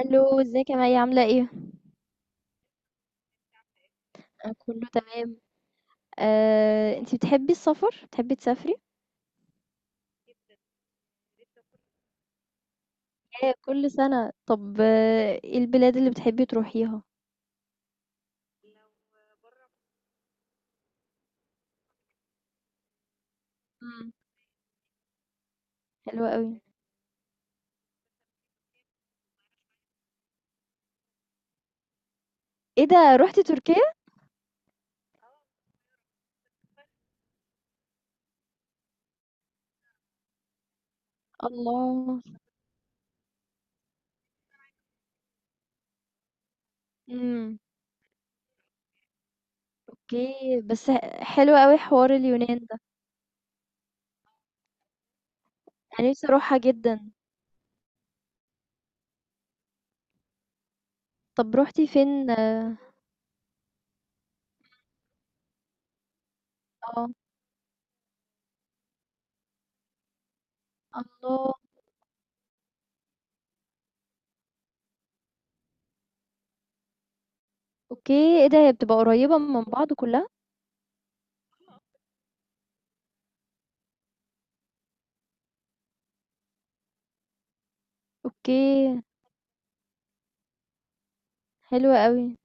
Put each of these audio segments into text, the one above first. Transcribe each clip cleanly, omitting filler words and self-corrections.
الو ازيك يا مي عاملة ايه؟ أنا كله تمام. انتي بتحبي السفر؟ بتحبي تسافري؟ ايه كل سنة طب ايه البلاد اللي بتحبي تروحيها؟ مم. حلوة قوي. ايه ده روحتي تركيا؟ الله. امم. اوكي بس حلو قوي حوار اليونان ده. انا نفسي اروحها جدا. طب روحتي فين؟ اه. آه. الله. اوكي، ايه ده، هي بتبقى قريبة من بعض كلها؟ اوكي، حلوة قوي.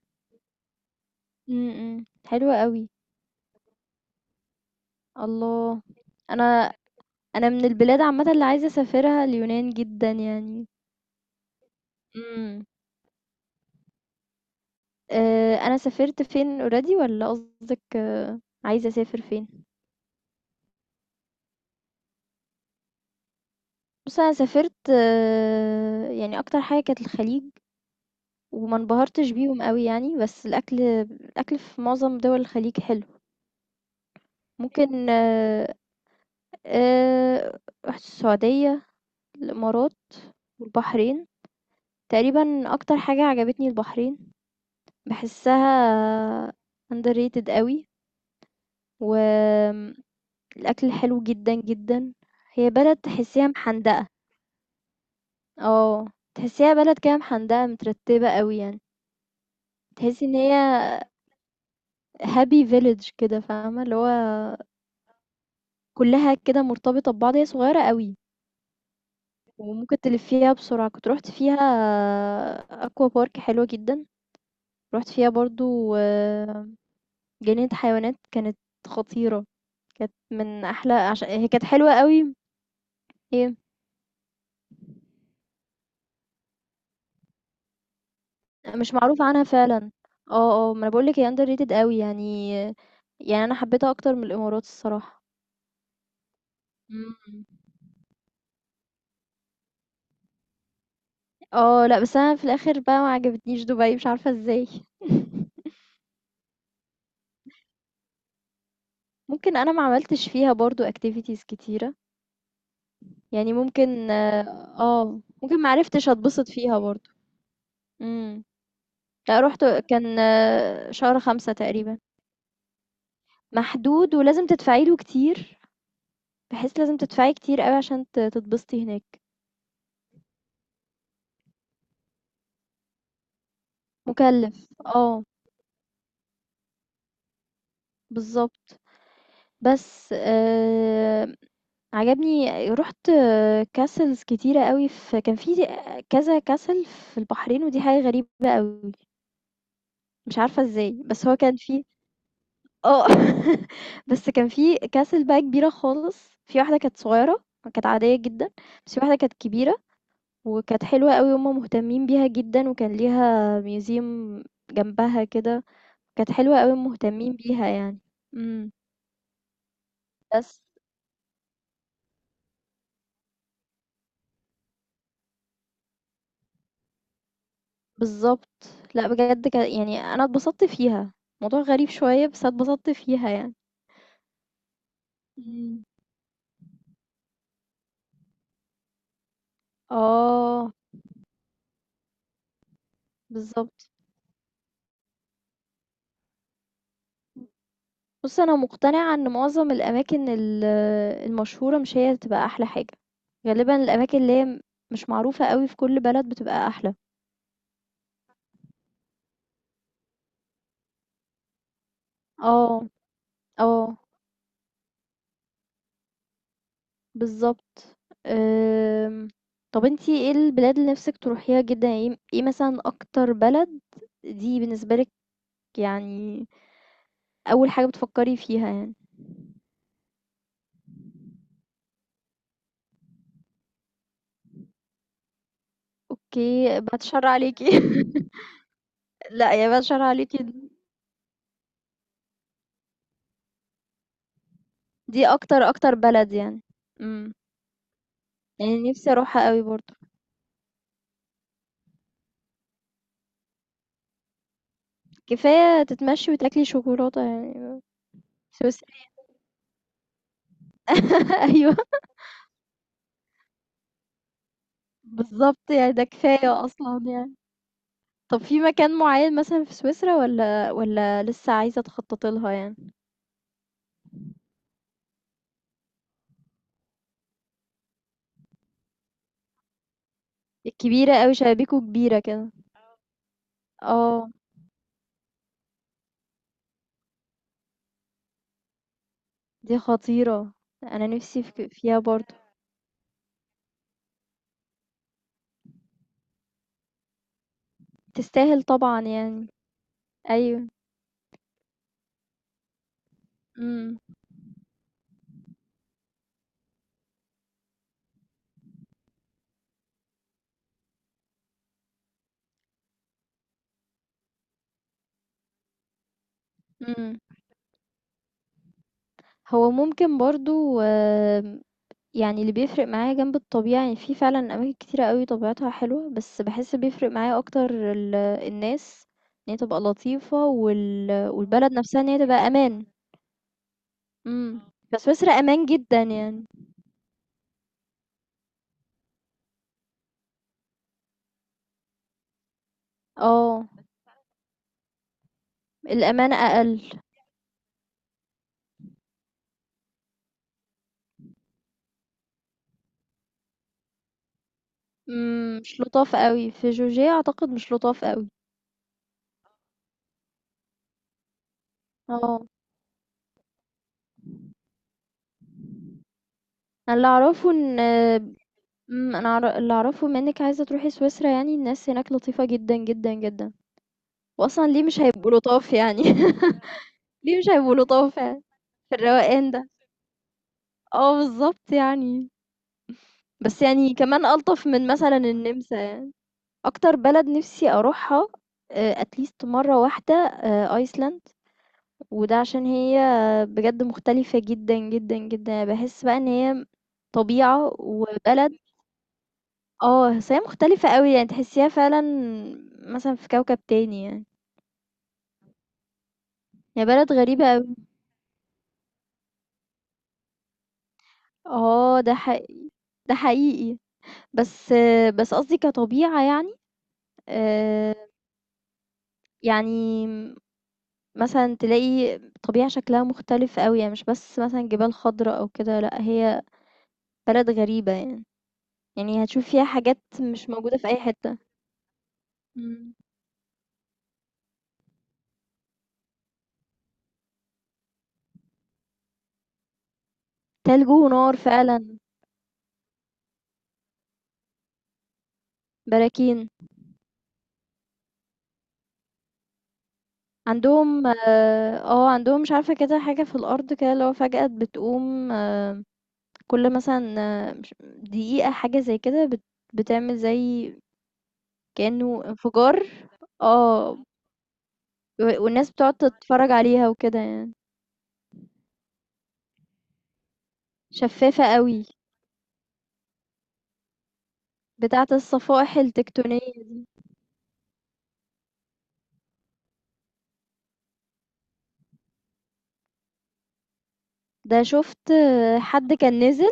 امم، حلوة قوي. الله. انا أنا من البلاد عامةً اللي عايزة أسافرها اليونان جدًا يعني. إمم. أنا سافرت فين already والّا قصدِك عايزة أسافر فين؟ بُصّي أنا سافرت يعني أكتر حاجة كانت الخليج، وما انبهرتش بيهم أوي يعني، بس الأكل الأكل في معظم دول الخليج حلو. ممكن آآ رُحت السعودية، الإمارات والبحرين. تقريبًا أكتر حاجة عجبتني البحرين، باحسها underrated أوي وآمم الأكل حلو جدًا، جدًا. هي بلد تحسّيها محندقة، آه. تحسّيها بلد كده محندقة مترتّبة أوي يعني. تحسّي إن هي happy village كده فاهمة، اللي هو كُلّها كده مرتبطة ببعض، هي صغيّرة أوي وممكن تلفّيها بسرعة. كنت رُحت فيها aqua park حلوة جدًا، رُحت فيها برضه جنينة حيوانات كانت خطيرة، كانت من أحلى عش هي كانت حلوة أوي. هي مش معروف عنها فعلًا. آه، آه، ما أنا باقول لِك هي underrated أوي يعني، يعني أنا حبيتها أكتر من الإمارات الصراحة. إمم. لأ، بس أنا في الآخر بقى ما عجبتنيش دبي، مش عارفة إزاي. ممكن أنا ما عملتش فيها برضه activities كتيرة، يعني ممكن ممكن ما عرفتش أتبسط فيها برضه. إمم. لأ، رُحت كان شهر 5 تقريبًا، محدود ولازم تدفعي له كتير، بحيث لازم تدفعي كتير أوي عشان ت تتبسطي هناك، مُكلّف. آه، بالضبط. بس عجبني رُحت castles كتيرة أوي، في كان في كذا castle في البحرين ودي حاجة غريبة أوي، مش عارفة إزاي، بس هو كان في آه، بس كان في castle بقى كبيرة خالص، في واحدة كانت صغيرة كانت عادية جدًا، بس في واحدة كانت كبيرة وكانت حلوة أوي وهُم مهتمين بيها جدًا وكان ليها museum جنبها كده، كانت حلوة أوي مهتمين بيها يعني. إمم. بس. بالضبط. لأ بجد ك يعني أنا اتبسطت فيها، موضوع غريب شوية بس اتبسطت فيها يعني. إمم. آه، بالضبط. بُص أنا مقتنعة إن معظم الأماكن ال المشهورة مش هي اللي بتبقى أحلى حاجة، غالبًا الأماكن اللي هي مش معروفة أوي في كل بلد بتبقى أحلى. آه، آه، بالضبط. آمم، طب أنتِ إيه البلاد اللي نِفْسِك تروحيها جدًا؟ يعني إيه إيه مثلًا أكتر بلد دي بالنسبة لِك، يعني أول حاجة بتفكّري فيها يعني؟ أوكي، باتشّر عليكِ. لأ، يا باتشّر عليكِ دي أكتر بلد يعني. إمم. يعني نِفْسي أروحها أوي برضه. كفاية تتمشّي وتاكلي شوكولاتة يعني. سويسرا. أيوه، بالضبط، يعني ده كفاية أصلًا يعني. طَب في مكان معيّن مثلًا في سويسرا والّا لسه عايزة تخطّطي لها يعني؟ الكبيرة أوي، شبابيكو كبيرة كده. آه، دي خطيرة. أنا نِفْسي في ك فيها برضه. تستاهل طبعًا يعني. أيوه. إمم، إمم. هو ممكن برضه آمم، يعني اللي بيفرق معايا جنب الطبيعة يعني، في فعلًا أماكن كتيرة أوي طبيعتها حلوة، بس باحس بيفرق معايا أكتر ال الناس، إن هي تبقى لطيفة والبلد آه. نفسها إن هي تبقى أمان، إمم، آه. فسويسرا أمان جدًا يعني. آه، الأمانة أقل، إمم، مش لطاف أوي، في جورجيا أعتقد مش لطاف أوي. آه، أنا اللي أعرفه إن أنا اللي أعرفه بما إنِك عايزة تروحي سويسرا، يعني الناس هناك لطيفة جدًا، جدًا، جدًا. وأصلًا ليه مش هيبقوا لطاف يعني. ليه مش هيبقوا لطاف يعني في الروقان ده؟ آه، بالضبط يعني، بس يعني كمان ألطف من مثلًا النمسا يعني. أكتر بلد نِفْسي أروحها at least مرّة واحدة أيسلند، وده عشان هي بجد مختلفة جدًا، جدًا، جدًا، يعني باحس بقى إن هي طبيعة وبلد بس هي مختلفة أوي، يعني تحسيها فعلًا مثلًا في كوكب تاني يعني، هي بلد غريبة أوي. آه ده حقيقي، ده حقيقي. بس بس قصدي كطبيعة يعني. آآ، يعني مثلًا تلاقي طبيعة شكلها مختلف أوي، يعني مش بس مثلًا جبال خضرا أو كده، لأ هي بلد غريبة يعني، يعني هتشوف فيها حاجات مش موجودة في أي حتة. إمم، تلج ونار فعلًا، براكين، عندهم آه، آه، عندهم مش عارفة كده حاجة في الأرض كده اللي هو فجأة بتقوم كل مثلًا مش دقيقة حاجة زي كده بتعمل زي كأنه انفجار. آه، و والناس بتقعد تتفرج عليها وكده يعني، شفافة أوي، بتاعة الصفائح التكتونية دي، ده شُفت حد كان نزل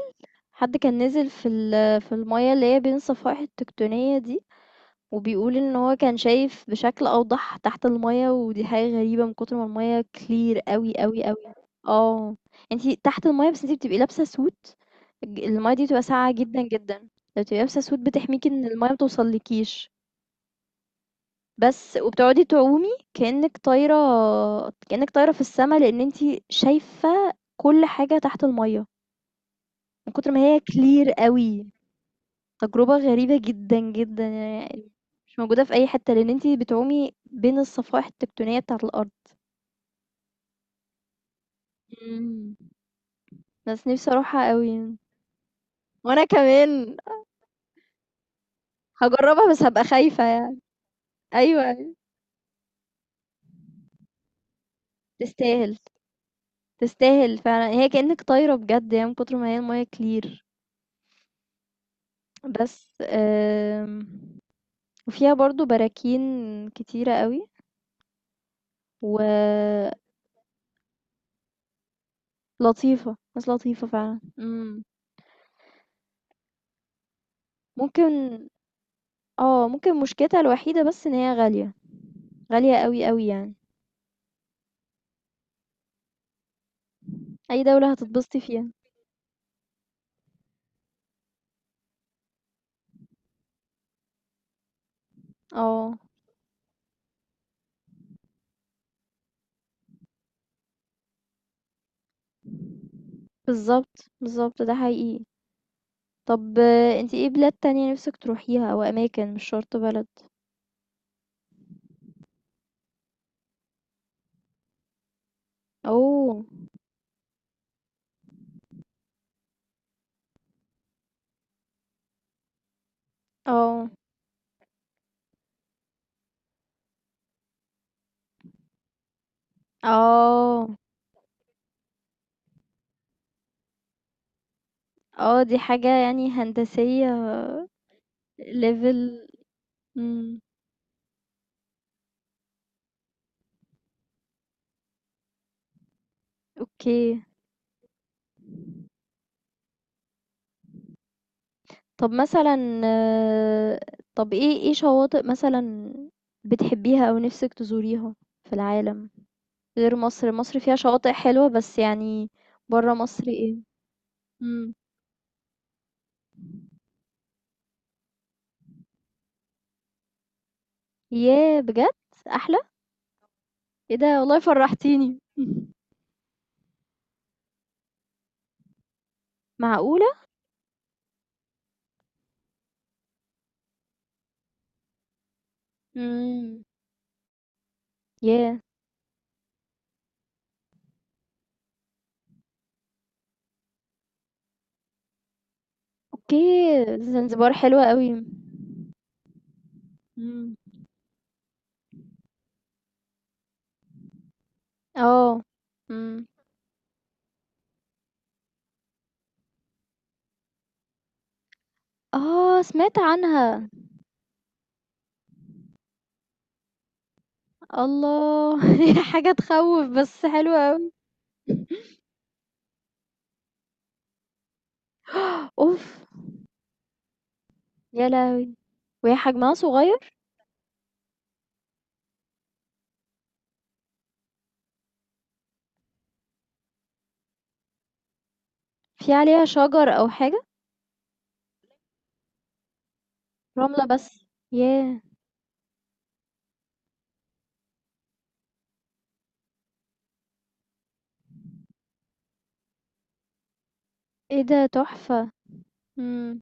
حد كان نزل في في المَيَّة اللي هي بين الصفائح التكتونية دي، وبيقول إن هو كان شايف بشكل أوضح تحت المَيَّة، ودي حاجة غريبة من كتر ما المَيَّة clear أوي، أوي، أوي. آه، أنتِ تحت المَيَّة بس أنتِ بتبقي لابسة suit. ج المَيَّة دي بتبقى ساقعة جدًا، جدًا، فبتبقي لابسة suit بتحميكِ إن المَيَّة ما توصلكيش. بس وبتقعدي تعومي كأنك طايرة، كأنك طايرة في السماء، لأن انتي شايفة كل حاجة تحت المية من كتر ما هي كلير قوي. تجربة غريبة جدا جدا يعني، مش موجودة في أي حتة لأن انتي بتعومي بين الصفائح التكتونية بتاعة الأرض. مم. بس نفسي أروحها قوي يعني. وأنا كمان هجربها بس هبقى خايفة يعني. أيوة، أيوة. تستاهل، تستاهل فعلا، هي كأنك طايرة بجد يعني من كتر ما هي المية كلير. بس وفيها برضو براكين كتيرة قوي ولطيفة. ناس لطيفة فعلا. امم. ممكن. اه ممكن مشكلتها الوحيدة بس ان هي غالية، غالية قوي قوي يعني. اي دولة هتتبسطي فيها. اه، بالظبط، بالظبط، ده حقيقي. طب انتي ايه بلاد تانية نفسك تروحيها او اماكن مش شرط بلد؟ اوه. اه. اه. اه، دي حاجة يعني هندسية. ليفل. اوكي. طب مثلا آه، طب ايه شواطئ مثلا بتحبيها او نفسك تزوريها في العالم غير مصر. مصر فيها شواطئ حلوة بس يعني. برا مصر ايه؟ امم. ياه، بجد، احلى؟ ايه ده، والله فرحتيني. معقولة؟ امم. ياه. اوكي، زنزبار حلوة قوي. امم. اه. امم. اه سمعت عنها. الله. حاجة تخوف بس حلوة قوي. اوف. يا لهوي. وهي حجمها صغير؟ في عليها شجر او حاجة؟ رملة بس؟ ياه. ايه ده تحفة. امم.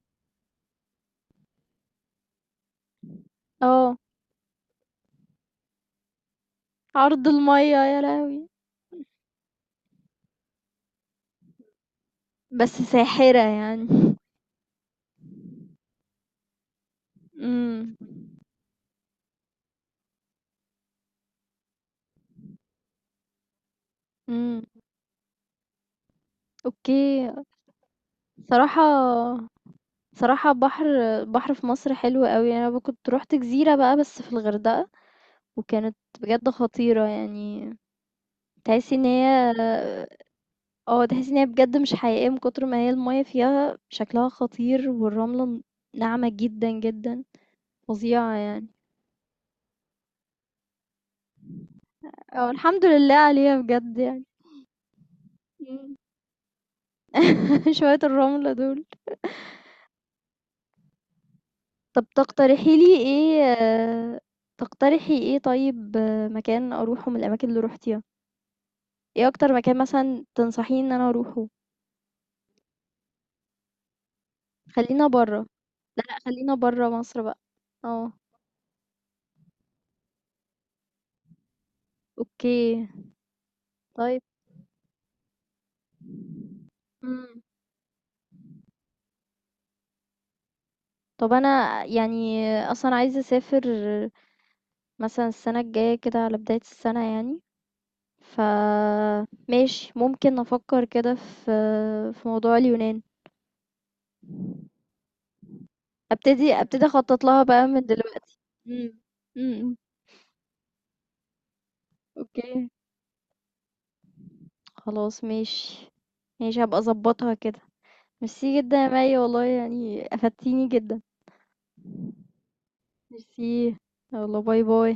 اه. عرض المية، يا لهوي. بس ساحرة يعني. امم. امم. اوكي. صراحة. صراحة بحر. بحر في مصر حلو قوي يعني. انا كنت روحت جزيرة بقى بس في الغردقة وكانت بجد خطيرة يعني. تحسي ان هي آه، تحسّي إن هي بجد مش حقيقية من كتر ما هي المَيّة فيها شكلها خطير، والرملة ناعمة جدًا، جدًا، فظيعة يعني. آه، الحمد لله عليها بجد يعني. إمم. شوية الرملة دول. طَب تقترحي إيه طيب مكان أروحه من الأماكن اللي رُحتيها؟ إيه أكتر مكان مثلًا تنصحيني إن أنا أروحه؟ خلّينا برّه، لأ، لأ، خلّينا برّه مصر بقى. آه، أوكي، طيب. إمم. طَب أنا يعني أصلًا عايزة أسافر مثلًا السنة الجاية كده على بداية السنة يعني، فماشي ممكن أفكّر كده في في موضوع اليونان. أبتدي أخطّط لها بقى من دلوقتي. إمم، إمم، إمم. أوكي، خلاص ماشي، ماشي هابقى أضبّطها كده. ميرسي جدًا يا مَي والله يعني أفدتيني جدًا، ميرسي، يالّا باي، باي.